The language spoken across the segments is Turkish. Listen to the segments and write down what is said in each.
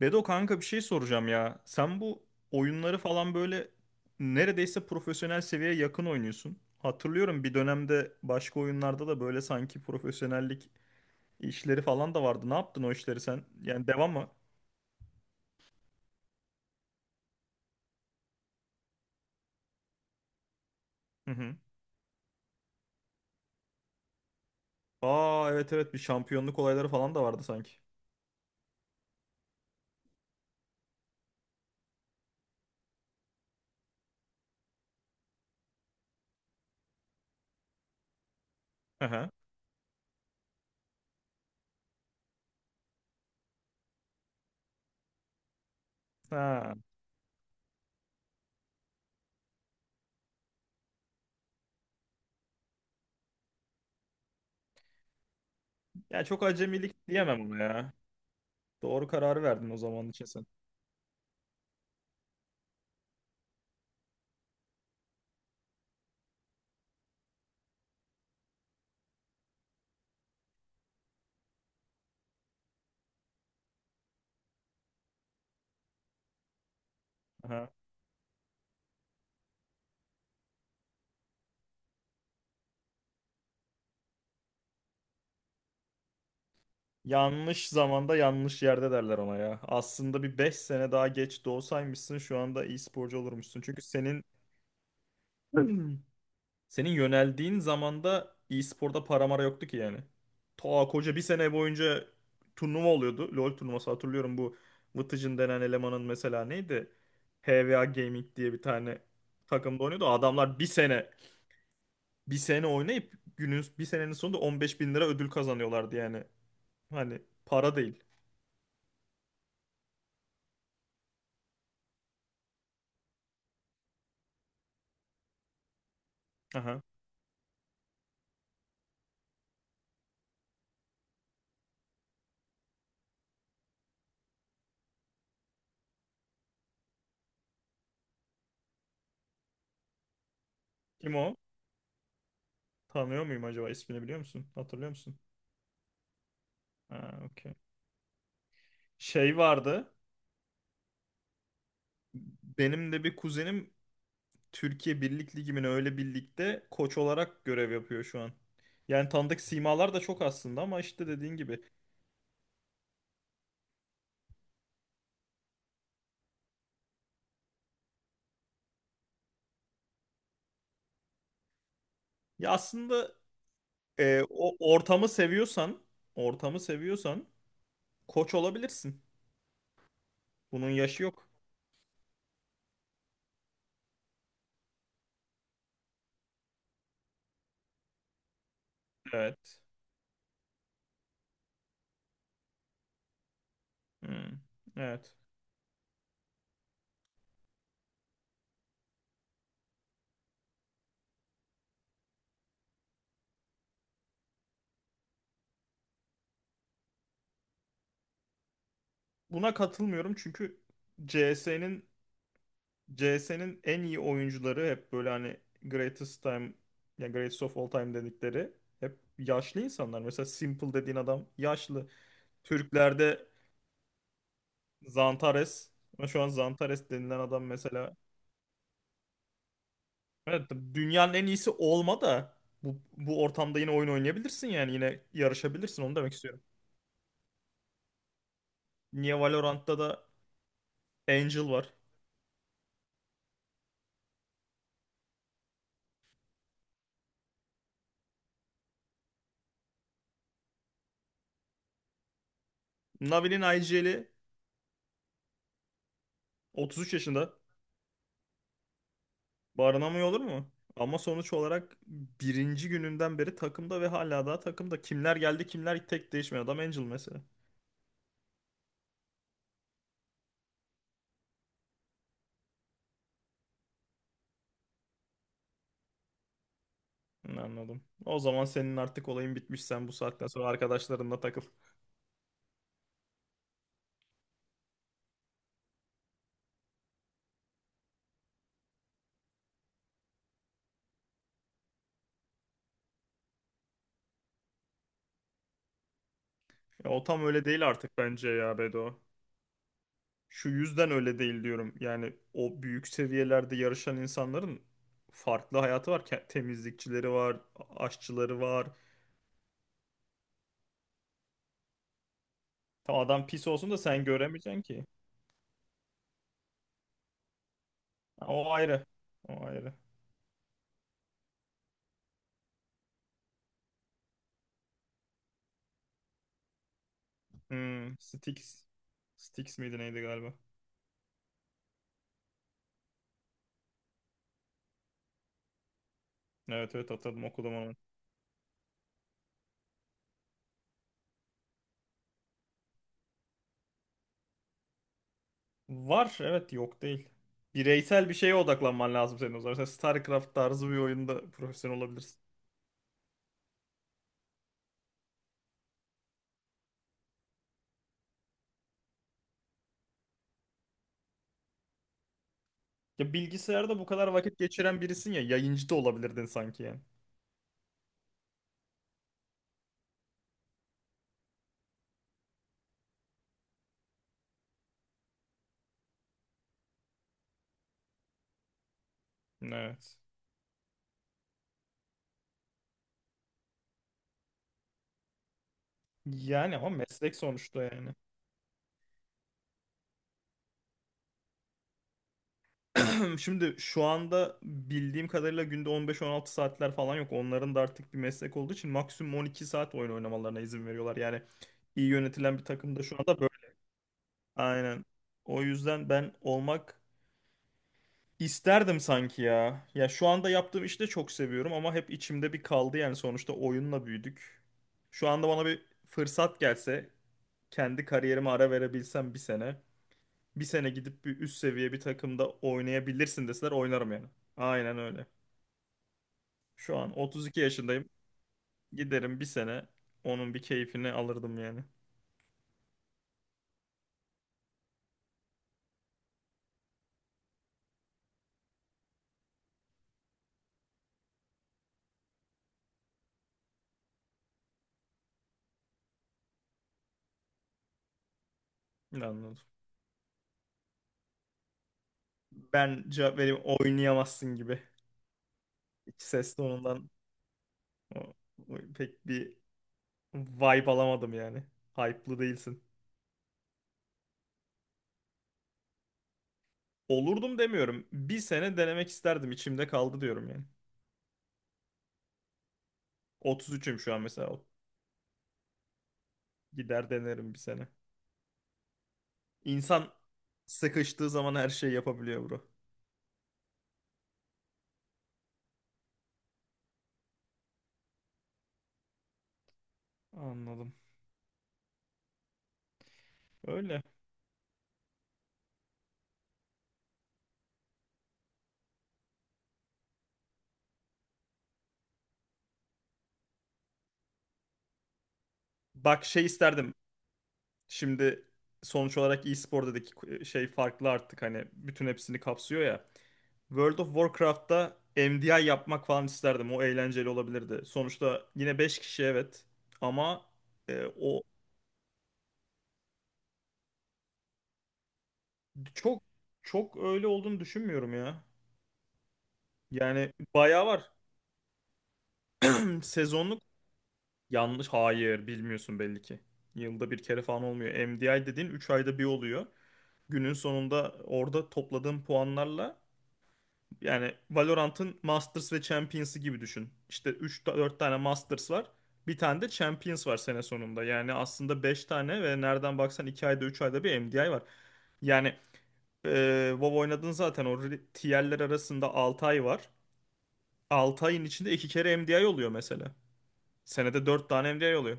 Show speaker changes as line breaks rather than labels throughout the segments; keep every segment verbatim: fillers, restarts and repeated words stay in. Bedo kanka bir şey soracağım ya. Sen bu oyunları falan böyle neredeyse profesyonel seviyeye yakın oynuyorsun. Hatırlıyorum bir dönemde başka oyunlarda da böyle sanki profesyonellik işleri falan da vardı. Ne yaptın o işleri sen? Yani devam mı? Hı hı. Aa, evet evet, bir şampiyonluk olayları falan da vardı sanki. Hı hı. Ha. Ya çok acemilik diyemem ona ya. Doğru kararı verdin o zaman için sen. Aha. Yanlış zamanda yanlış yerde derler ona ya. Aslında bir beş sene daha geç doğsaymışsın şu anda e-sporcu olurmuşsun. Çünkü senin senin yöneldiğin zamanda e-sporda para mara yoktu ki yani. Ta koca bir sene boyunca turnuva oluyordu. LoL turnuvası hatırlıyorum, bu Vıtıcın denen elemanın mesela neydi? H V A Gaming diye bir tane takımda oynuyordu. Adamlar bir sene bir sene oynayıp günün bir senenin sonunda on beş bin lira ödül kazanıyorlardı yani. Hani para değil. Aha. Kim o? Tanıyor muyum, acaba ismini biliyor musun? Hatırlıyor musun? Ha, okey. Şey vardı. Benim de bir kuzenim Türkiye Birlik Ligi'nin öyle birlikte koç olarak görev yapıyor şu an. Yani tanıdık simalar da çok aslında, ama işte dediğin gibi. Ya aslında, e, o ortamı seviyorsan, ortamı seviyorsan koç olabilirsin. Bunun yaşı yok. Evet. Hmm, evet. Buna katılmıyorum, çünkü C S'nin C S'nin en iyi oyuncuları hep böyle, hani greatest time, ya greatest of all time dedikleri hep yaşlı insanlar. Mesela Simple dediğin adam yaşlı. Türklerde Zantares, ama şu an Zantares denilen adam mesela, evet, dünyanın en iyisi olma da bu, bu ortamda yine oyun oynayabilirsin, yani yine yarışabilirsin, onu demek istiyorum. Niye Valorant'ta da Angel var? Navi'nin I G L'i otuz üç yaşında. Barınamıyor olur mu? Ama sonuç olarak birinci gününden beri takımda ve hala daha takımda. Kimler geldi kimler, tek değişmiyor. Adam Angel mesela. Hı, anladım. O zaman senin artık olayın bitmiş. Sen bu saatten sonra arkadaşlarınla takıl. Ya o tam öyle değil artık bence ya Bedo. Şu yüzden öyle değil diyorum. Yani o büyük seviyelerde yarışan insanların farklı hayatı var. Ke- Temizlikçileri var, aşçıları var. Tam adam pis olsun da sen göremeyeceksin ki. Ha, o ayrı. O ayrı. Hmm, Styx. Styx miydi neydi galiba? Evet evet, hatırladım, okudum onu. Var, evet, yok değil. Bireysel bir şeye odaklanman lazım senin o zaman. Sen StarCraft tarzı bir oyunda profesyonel olabilirsin. Ya bilgisayarda bu kadar vakit geçiren birisin ya, yayıncı da olabilirdin sanki yani. Evet. Yani ama meslek sonuçta yani. Şimdi şu anda bildiğim kadarıyla günde on beş on altı saatler falan yok. Onların da artık bir meslek olduğu için maksimum on iki saat oyun oynamalarına izin veriyorlar. Yani iyi yönetilen bir takımda şu anda. Aynen. O yüzden ben olmak isterdim sanki ya. Ya şu anda yaptığım işi de çok seviyorum, ama hep içimde bir kaldı yani, sonuçta oyunla büyüdük. Şu anda bana bir fırsat gelse, kendi kariyerime ara verebilsem bir sene. Bir sene gidip bir üst seviye bir takımda oynayabilirsin deseler, oynarım yani. Aynen öyle. Şu an otuz iki yaşındayım. Giderim bir sene, onun bir keyfini alırdım yani. Anladım. Ben cevap vereyim, oynayamazsın gibi. İki ses tonundan O- o pek bir vibe alamadım yani. Hype'lı değilsin. Olurdum demiyorum. Bir sene denemek isterdim. İçimde kaldı diyorum yani. otuz üçüm şu an mesela. Gider denerim bir sene. İnsan sıkıştığı zaman her şeyi yapabiliyor, bro. Anladım. Öyle. Bak, şey isterdim. Şimdi sonuç olarak e-spor dedik, şey farklı artık, hani bütün hepsini kapsıyor ya. World of Warcraft'ta M D I yapmak falan isterdim. O eğlenceli olabilirdi. Sonuçta yine beş kişi, evet. Ama e, o çok, çok öyle olduğunu düşünmüyorum ya. Yani bayağı var. Sezonluk yanlış. Hayır, bilmiyorsun belli ki. Yılda bir kere falan olmuyor. M D I dediğin üç ayda bir oluyor. Günün sonunda orada topladığın puanlarla. Yani Valorant'ın Masters ve Champions'ı gibi düşün. İşte üç dört tane Masters var. Bir tane de Champions var sene sonunda. Yani aslında beş tane ve nereden baksan iki ayda üç ayda bir M D I var. Yani e, WoW oynadın zaten o re- tierler arasında altı ay var. Altı ayın içinde iki kere M D I oluyor mesela. Senede dört tane M D I oluyor.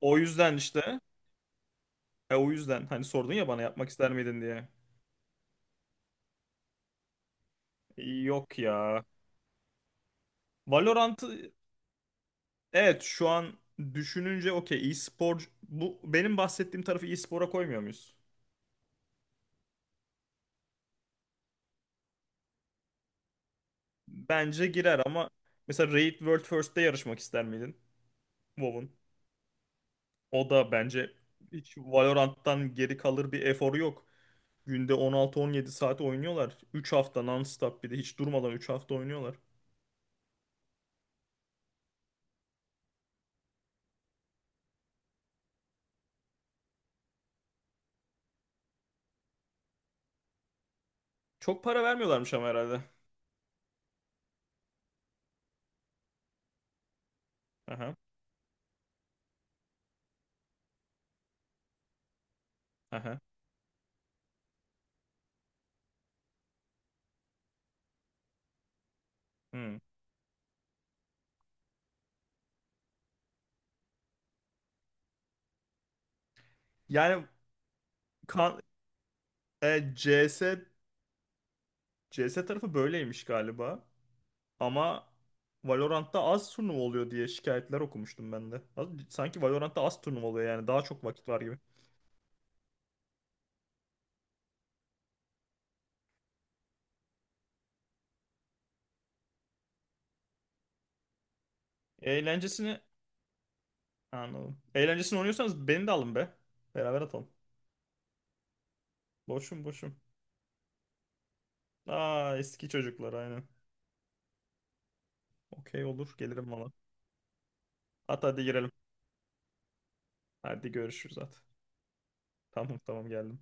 O yüzden işte, e, o yüzden hani sordun ya bana yapmak ister miydin diye. Yok ya. Valorant'ı. Evet, şu an düşününce, okey, e-spor bu benim bahsettiğim tarafı e-spora koymuyor muyuz? Bence girer, ama mesela Raid World First'te yarışmak ister miydin? WoW'un. O da bence hiç Valorant'tan geri kalır bir eforu yok. Günde on altı on yedi saat oynuyorlar. Üç hafta non-stop, bir de hiç durmadan üç hafta oynuyorlar. Çok para vermiyorlarmış ama herhalde. Aha, aha. Hmm. Yani kan, e, C S C S tarafı böyleymiş galiba. Ama Valorant'ta az turnuva oluyor diye şikayetler okumuştum ben de. Az- Sanki Valorant'ta az turnuva oluyor, yani daha çok vakit var gibi. Eğlencesini anladım. Eğlencesini oynuyorsanız beni de alın be. Beraber atalım. Boşum boşum. Aa, eski çocuklar, aynen. Okey, olur, gelirim valla. At hadi girelim. Hadi görüşürüz, at. Tamam tamam, geldim.